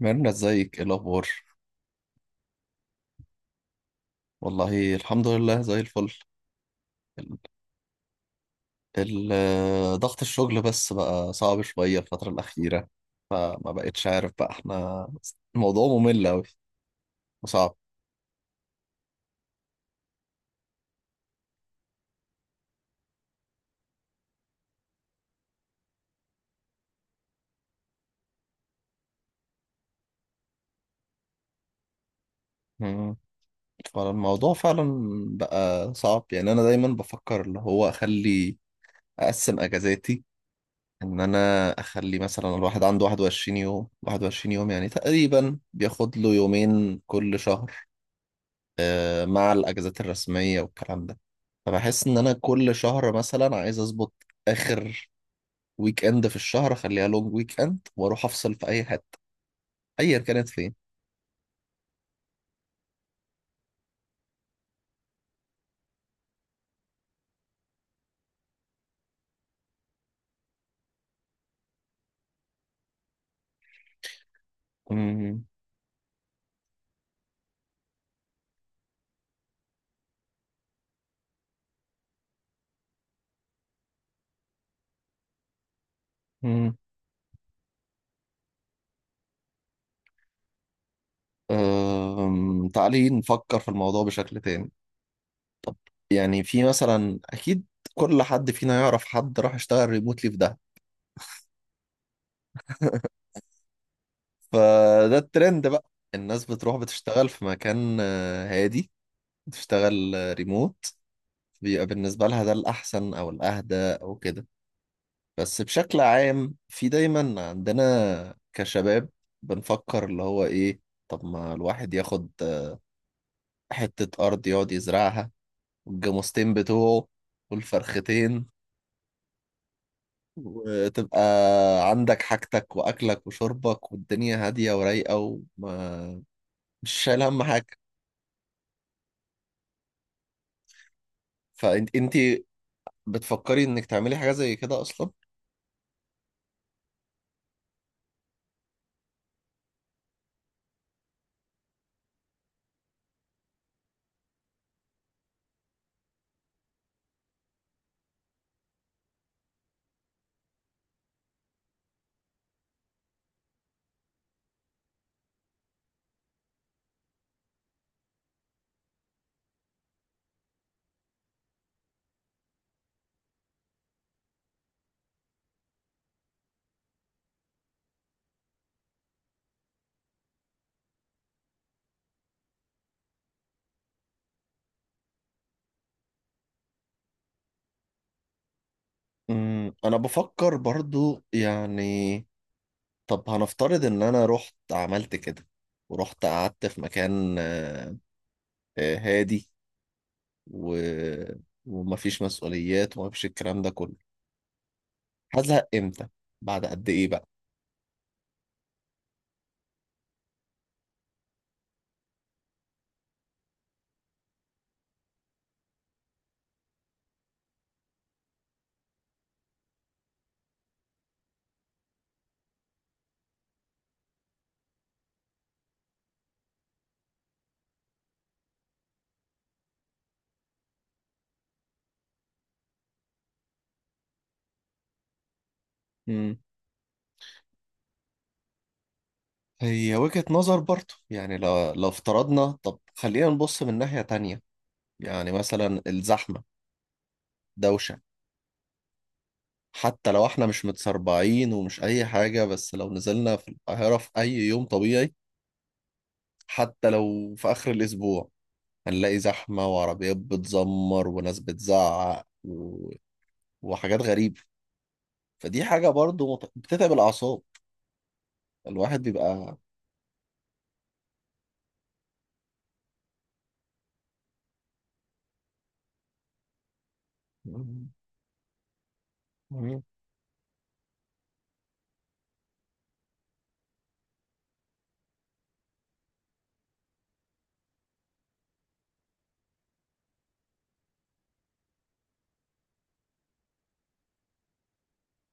ميرنا، ازيك؟ ايه الاخبار؟ والله الحمد لله زي الفل. ال- ضغط الشغل بس بقى صعب شوية الفترة الأخيرة. فما بقتش عارف بقى احنا، الموضوع ممل أوي وصعب. مم. فالموضوع فعلا بقى صعب. يعني أنا دايما بفكر اللي هو أخلي، أقسم أجازاتي، إن أنا أخلي مثلا الواحد عنده 21 يوم، 21 يوم يعني تقريبا بياخد له يومين كل شهر مع الاجازات الرسميه والكلام ده. فبحس ان انا كل شهر مثلا عايز اظبط اخر ويك اند في الشهر، اخليها لونج ويك اند واروح افصل في اي حته، ايا كانت فين. أمم. أمم. تعالي نفكر في الموضوع بشكل تاني. طب، يعني في مثلا اكيد كل حد فينا يعرف حد راح يشتغل ريموتلي في ده. فده الترند بقى. الناس بتروح بتشتغل في مكان هادي، بتشتغل ريموت، بيبقى بالنسبة لها ده الأحسن أو الأهدى أو كده. بس بشكل عام في دايما عندنا كشباب بنفكر اللي هو ايه؟ طب ما الواحد ياخد حتة أرض يقعد يزرعها والجاموستين بتوعه والفرختين، وتبقى عندك حاجتك وأكلك وشربك والدنيا هادية ورايقة، وما مش شايل هم حاجة. فانت انتي بتفكري انك تعملي حاجة زي كده أصلا؟ أنا بفكر برضو يعني. طب هنفترض ان انا رحت عملت كده، ورحت قعدت في مكان هادي و... ومفيش مسؤوليات ومفيش الكلام ده كله. هزهق امتى؟ بعد قد ايه بقى؟ مم. هي وجهة نظر برضه. يعني لو افترضنا، طب خلينا نبص من ناحية تانية. يعني مثلا الزحمة، دوشة. حتى لو احنا مش متسربعين ومش اي حاجة، بس لو نزلنا في القاهرة في اي يوم طبيعي، حتى لو في اخر الاسبوع، هنلاقي زحمة وعربيات بتزمر وناس بتزعق وحاجات غريبة. فدي حاجة برضو بتتعب الأعصاب، الواحد بيبقى. مم. مم.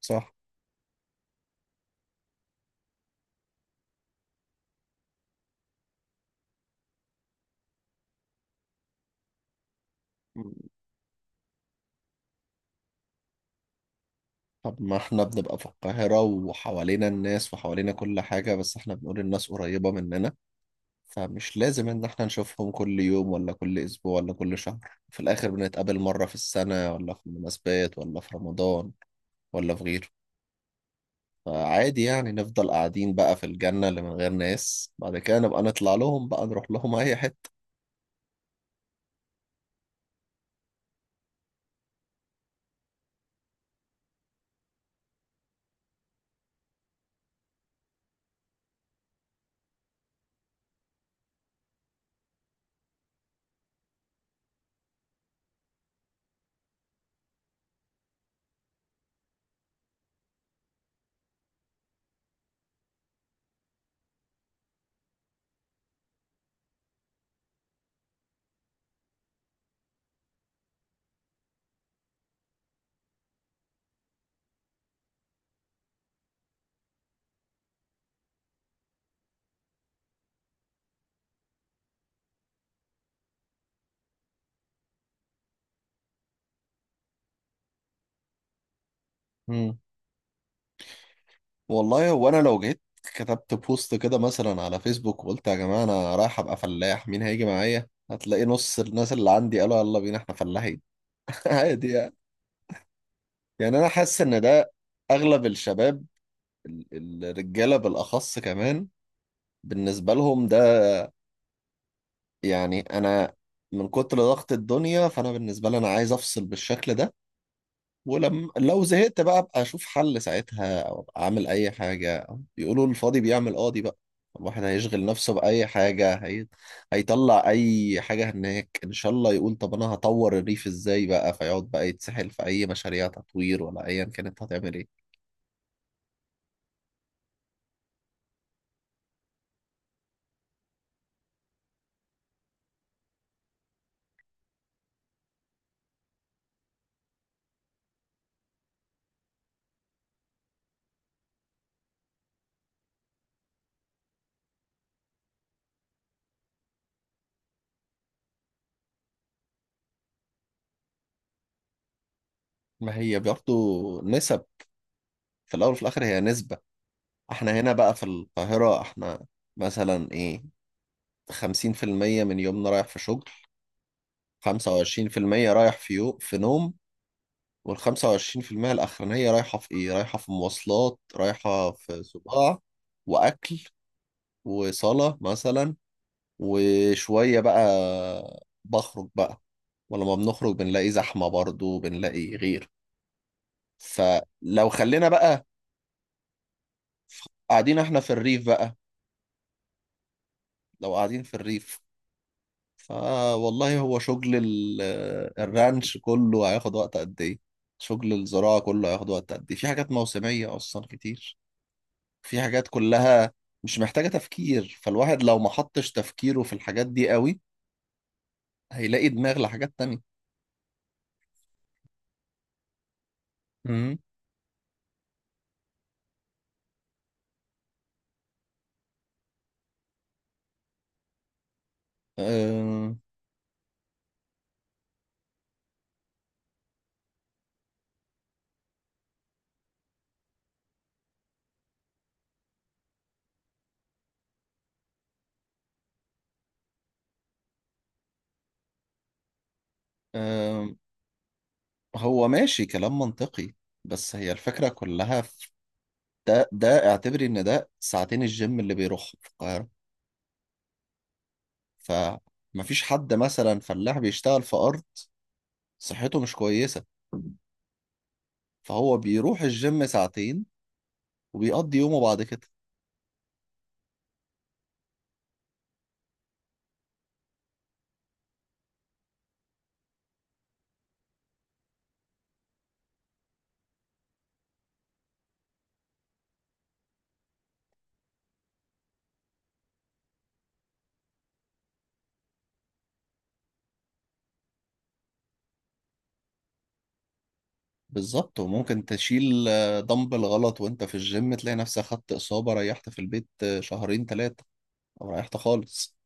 صح. مم. طب ما احنا بنبقى في القاهرة وحوالينا الناس وحوالينا كل حاجة، بس احنا بنقول الناس قريبة مننا، فمش لازم ان احنا نشوفهم كل يوم ولا كل اسبوع ولا كل شهر. في الاخر بنتقابل مرة في السنة، ولا في المناسبات ولا في رمضان ولا في غيره. فعادي يعني نفضل قاعدين بقى في الجنة اللي من غير ناس، بعد كده نبقى نطلع لهم بقى، نروح لهم أي حتة. مم. والله هو أنا لو جيت كتبت بوست كده مثلا على فيسبوك وقلت يا جماعة أنا رايح أبقى فلاح، مين هيجي معايا؟ هتلاقي نص الناس اللي عندي قالوا يلا بينا احنا فلاحين. عادي يعني. يعني أنا حاسس إن ده أغلب الشباب، الرجالة بالأخص كمان، بالنسبة لهم ده يعني. أنا من كتر ضغط الدنيا، فأنا بالنسبة لي أنا عايز أفصل بالشكل ده، ولما لو زهقت بقى ابقى اشوف حل ساعتها، او ابقى اعمل اي حاجه. أو بيقولوا الفاضي بيعمل قاضي بقى، الواحد هيشغل نفسه باي حاجه هيطلع اي حاجه هناك ان شاء الله، يقول طب انا هطور الريف ازاي بقى، فيقعد بقى يتسحل في اي مشاريع تطوير ولا ايا كانت هتعمل ايه. ما هي برضه نسب، في الاول وفي الاخر هي نسبه. احنا هنا بقى في القاهره، احنا مثلا ايه، 50% من يومنا رايح في شغل، 25% رايح في نوم، وال 25% الأخرانية رايحة في إيه؟ رايحة في مواصلات، رايحة في صداع، وأكل، وصلاة مثلا، وشوية بقى بخرج بقى. ولما بنخرج بنلاقي زحمة برضو، بنلاقي غير. فلو خلينا بقى قاعدين إحنا في الريف بقى، لو قاعدين في الريف، فوالله هو شغل الرانش كله هياخد وقت قد إيه؟ شغل الزراعة كله هياخد وقت قد إيه؟ في حاجات موسمية أصلا كتير. في حاجات كلها مش محتاجة تفكير، فالواحد لو ما حطش تفكيره في الحاجات دي قوي، هيلاقي دماغ لحاجات تانية. امم. أم. أم هو ماشي كلام منطقي، بس هي الفكرة كلها في ده. اعتبري ان ده ساعتين الجيم اللي بيروحهم في القاهرة، فمفيش حد مثلا فلاح بيشتغل في أرض صحته مش كويسة، فهو بيروح الجيم ساعتين وبيقضي يومه بعد كده. بالظبط، وممكن تشيل دمبل غلط وانت في الجيم، تلاقي نفسك خدت إصابة، ريحت في البيت شهرين ثلاثة، أو ريحت خالص.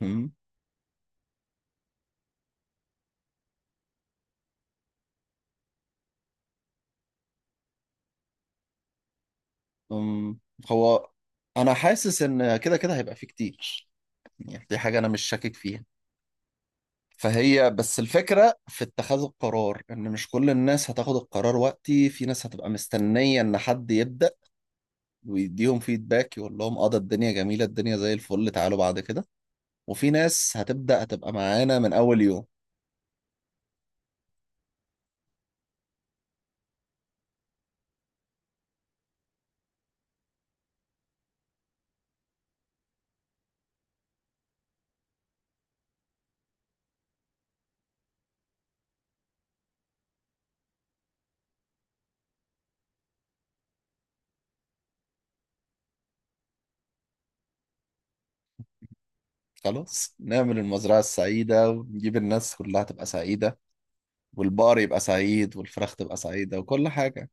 مم. أم، هو أنا حاسس إن كده كده هيبقى فيه كتير، يعني دي حاجة أنا مش شاكك فيها. فهي بس الفكرة في اتخاذ القرار، إن مش كل الناس هتاخد القرار وقتي، في ناس هتبقى مستنية إن حد يبدأ ويديهم فيدباك، يقول لهم اه ده الدنيا جميلة، الدنيا زي الفل، تعالوا بعد كده. وفي ناس هتبدأ هتبقى معانا من أول يوم. خلاص نعمل المزرعة السعيدة ونجيب الناس كلها تبقى سعيدة، والبقر يبقى سعيد والفراخ تبقى سعيدة وكل حاجة.